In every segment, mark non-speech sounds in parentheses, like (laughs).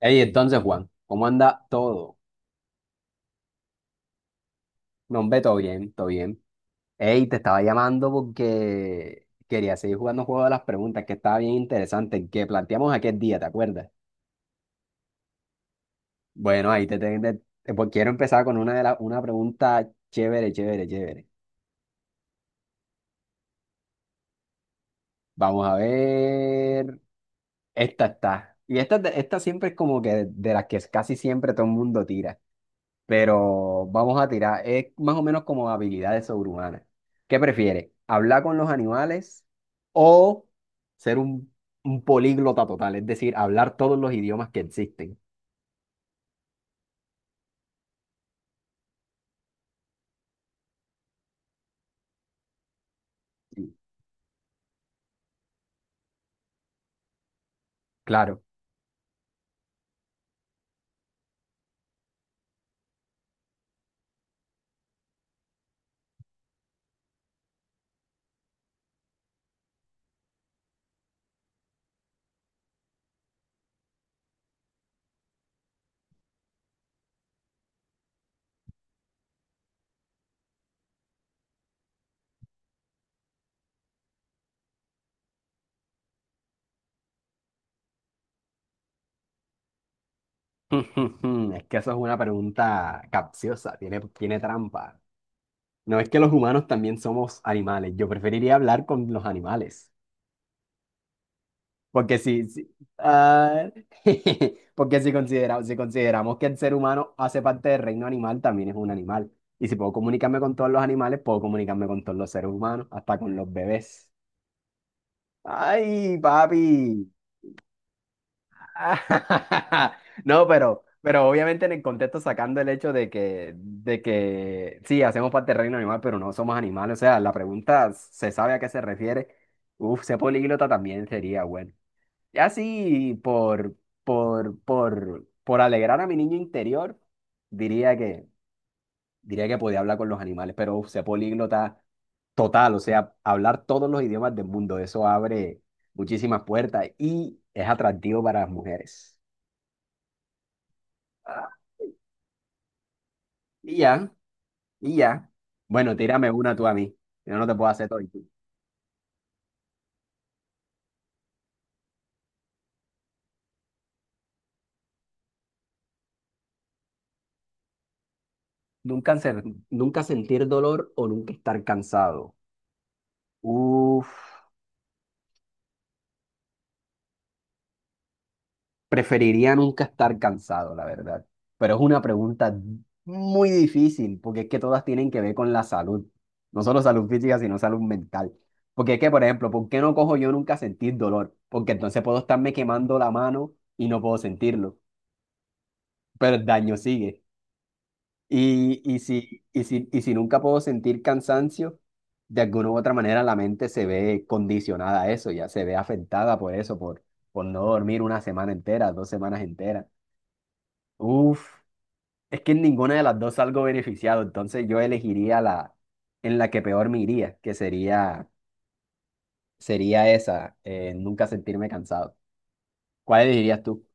Ey, entonces, Juan, ¿cómo anda todo? No, hombre, todo bien, todo bien. Ey, te estaba llamando porque quería seguir jugando juego de las preguntas, que estaba bien interesante, que planteamos aquel día, ¿te acuerdas? Bueno, ahí pues quiero empezar con una de las una pregunta chévere, chévere, chévere. Vamos a ver. Esta está. Y esta siempre es como que de las que casi siempre todo el mundo tira, pero vamos a tirar. Es más o menos como habilidades sobrehumanas. ¿Qué prefieres? ¿Hablar con los animales o ser un políglota total? Es decir, hablar todos los idiomas que existen. Sí. Claro. (laughs) Es que eso es una pregunta capciosa, tiene trampa. No, es que los humanos también somos animales. Yo preferiría hablar con los animales. Porque si, si- ah, (laughs) porque si, considera- Si consideramos que el ser humano hace parte del reino animal, también es un animal. Y si puedo comunicarme con todos los animales, puedo comunicarme con todos los seres humanos, hasta con los bebés. ¡Ay, papi! (laughs) No, pero obviamente en el contexto, sacando el hecho de que, sí, hacemos parte del reino animal, pero no somos animales. O sea, la pregunta se sabe a qué se refiere. Uf, ser políglota también sería bueno. Así por alegrar a mi niño interior, diría que, diría que podía hablar con los animales, pero uf, ser políglota total, o sea, hablar todos los idiomas del mundo, eso abre muchísimas puertas y es atractivo para las mujeres. Ah, y ya, y ya. Bueno, tírame una tú a mí, yo no te puedo hacer todo. ¿Y tú? Nunca, ser- Nunca sentir dolor o nunca estar cansado. Uf. Preferiría nunca estar cansado, la verdad. Pero es una pregunta muy difícil, porque es que todas tienen que ver con la salud. No solo salud física, sino salud mental. Porque es que, por ejemplo, ¿por qué no cojo yo nunca sentir dolor? Porque entonces puedo estarme quemando la mano y no puedo sentirlo, pero el daño sigue. Y, y si nunca puedo sentir cansancio, de alguna u otra manera la mente se ve condicionada a eso, ya se ve afectada por eso, por no dormir una semana entera, dos semanas enteras. Uf, es que en ninguna de las dos salgo beneficiado, entonces yo elegiría la en la que peor me iría, sería esa, nunca sentirme cansado. ¿Cuál elegirías tú?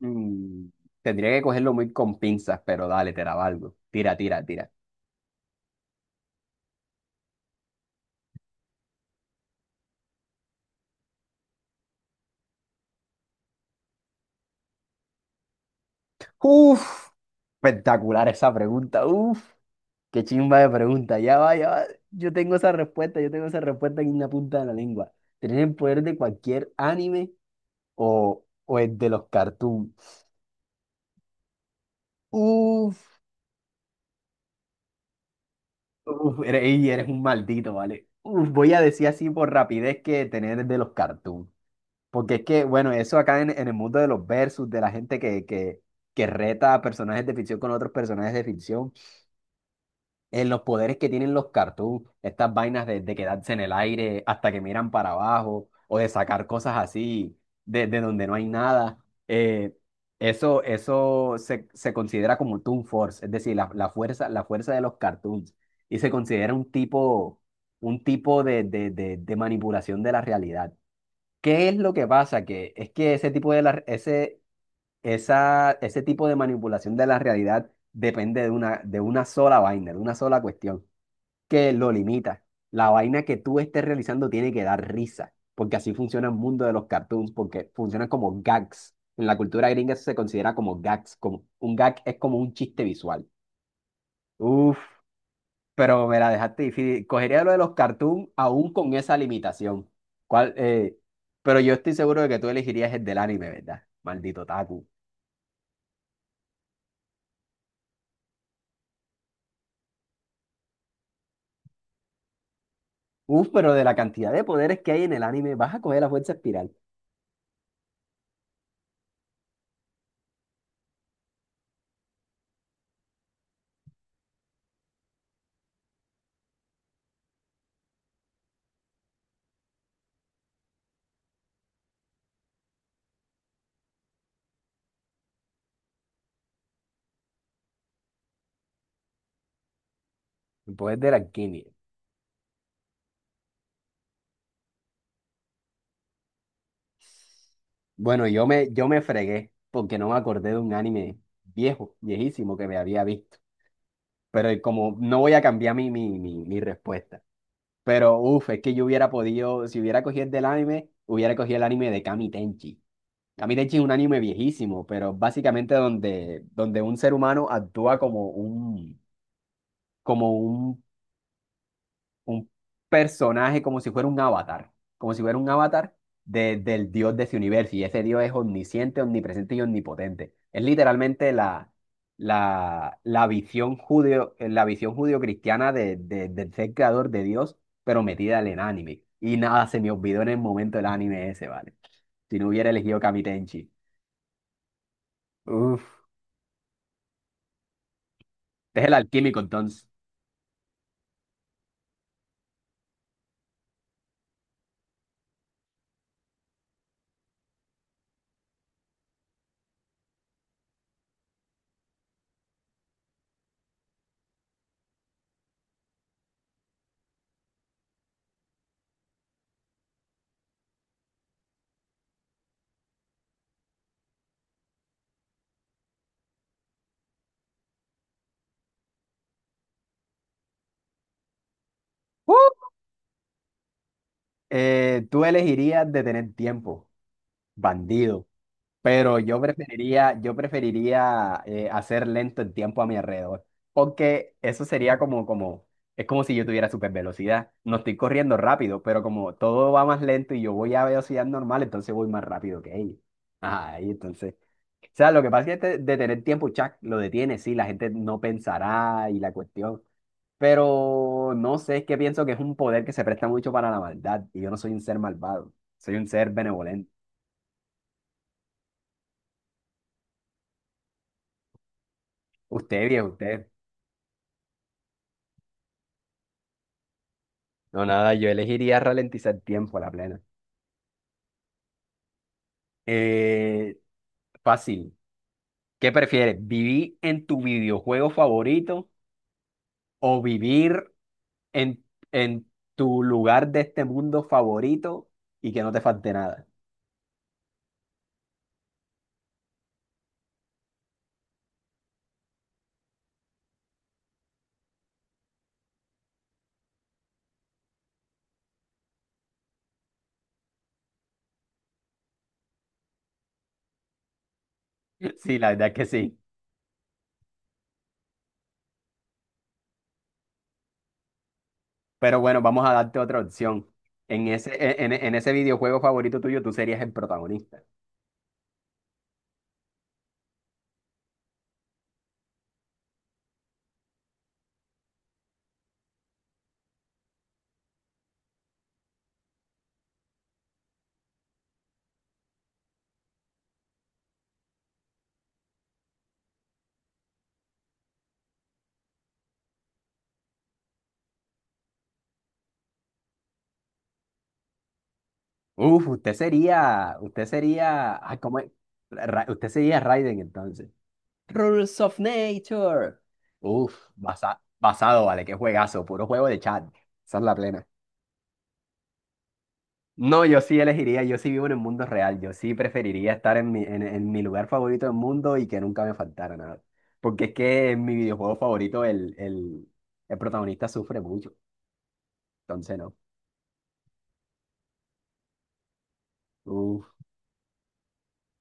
Mm, tendría que cogerlo muy con pinzas, pero dale, te la valgo. Tira, tira, tira. Uf, espectacular esa pregunta. Uf, qué chimba de pregunta. Ya va, ya va. Yo tengo esa respuesta, yo tengo esa respuesta en la punta de la lengua. ¿Tener el poder de cualquier anime o el de los cartoons? Uf. Uf, eres, ey, eres un maldito, ¿vale? Uf, voy a decir así por rapidez que tener de los cartoons. Porque es que, bueno, eso acá en el mundo de los versus, de la gente que reta a personajes de ficción con otros personajes de ficción en los poderes que tienen los cartoons, estas vainas de quedarse en el aire hasta que miran para abajo o de sacar cosas así de donde no hay nada, eh, eso se, se considera como Toon Force, es decir, la, la fuerza de los cartoons y se considera un tipo de manipulación de la realidad. ¿Qué es lo que pasa? Que es que ese tipo de manipulación de la realidad depende de una sola vaina, de una sola cuestión que lo limita. La vaina que tú estés realizando tiene que dar risa, porque así funciona el mundo de los cartoons, porque funcionan como gags. En la cultura gringa eso se considera como gags, como un gag es como un chiste visual. Uf, pero me la dejaste difícil. Cogería lo de los cartoons aún con esa limitación. ¿Cuál, eh, ¿Pero yo estoy seguro de que tú elegirías el del anime, verdad? Maldito Taku. Uf, pero de la cantidad de poderes que hay en el anime, vas a coger la fuerza espiral, el poder de la alquimia. Bueno, yo me fregué porque no me acordé de un anime viejo, viejísimo que me había visto. Pero como no voy a cambiar mi respuesta. Pero uff, es que yo hubiera podido, si hubiera cogido el del anime, hubiera cogido el anime de Kami Tenchi. Kami Tenchi es un anime viejísimo, pero básicamente donde un ser humano actúa como un personaje como si fuera un avatar, como si fuera un avatar del dios de ese universo. Y ese dios es omnisciente, omnipresente y omnipotente. Es literalmente la visión judío, la visión judío-cristiana de, del ser creador de Dios, pero metida en el anime. Y nada, se me olvidó en el momento el anime ese, ¿vale? Si no, hubiera elegido Kamitenchi. Uf, es el alquímico entonces. ¡Uh! Tú elegirías de tener tiempo, bandido. Pero yo preferiría hacer lento el tiempo a mi alrededor, porque eso sería es como si yo tuviera super velocidad. No estoy corriendo rápido, pero como todo va más lento y yo voy a velocidad normal, entonces voy más rápido que ellos. Ajá, y entonces, o sea, lo que pasa es que detener tiempo, Chuck lo detiene, sí, la gente no pensará y la cuestión, pero no sé, es que pienso que es un poder que se presta mucho para la maldad y yo no soy un ser malvado, soy un ser benevolente. Usted, viejo, usted. No, nada, yo elegiría ralentizar tiempo a la plena. Eh, fácil. ¿Qué prefieres? ¿Vivir en tu videojuego favorito o vivir en, en tu lugar de este mundo favorito y que no te falte nada? (laughs) Sí, la verdad es que sí. Pero bueno, vamos a darte otra opción. En ese, en ese videojuego favorito tuyo, tú serías el protagonista. Uf, usted sería, ay, ¿cómo es? Usted sería Raiden entonces. Rules of Nature. Uf, basado, vale, qué juegazo, puro juego de chat. Esa es la plena. No, yo sí vivo en el mundo real, yo sí preferiría estar en en mi lugar favorito del mundo y que nunca me faltara nada. Porque es que en mi videojuego favorito el protagonista sufre mucho, entonces no. Uf,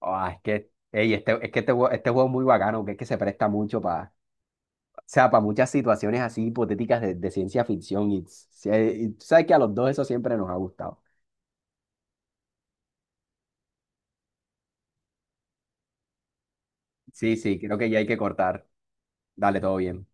ah, es que, ey, este, es que este, jue- este juego es muy bacano, que es que se presta mucho para, o sea, para muchas situaciones así hipotéticas de ciencia ficción y tú sabes que a los dos eso siempre nos ha gustado. Sí, sí, creo que ya hay que cortar. Dale, todo bien.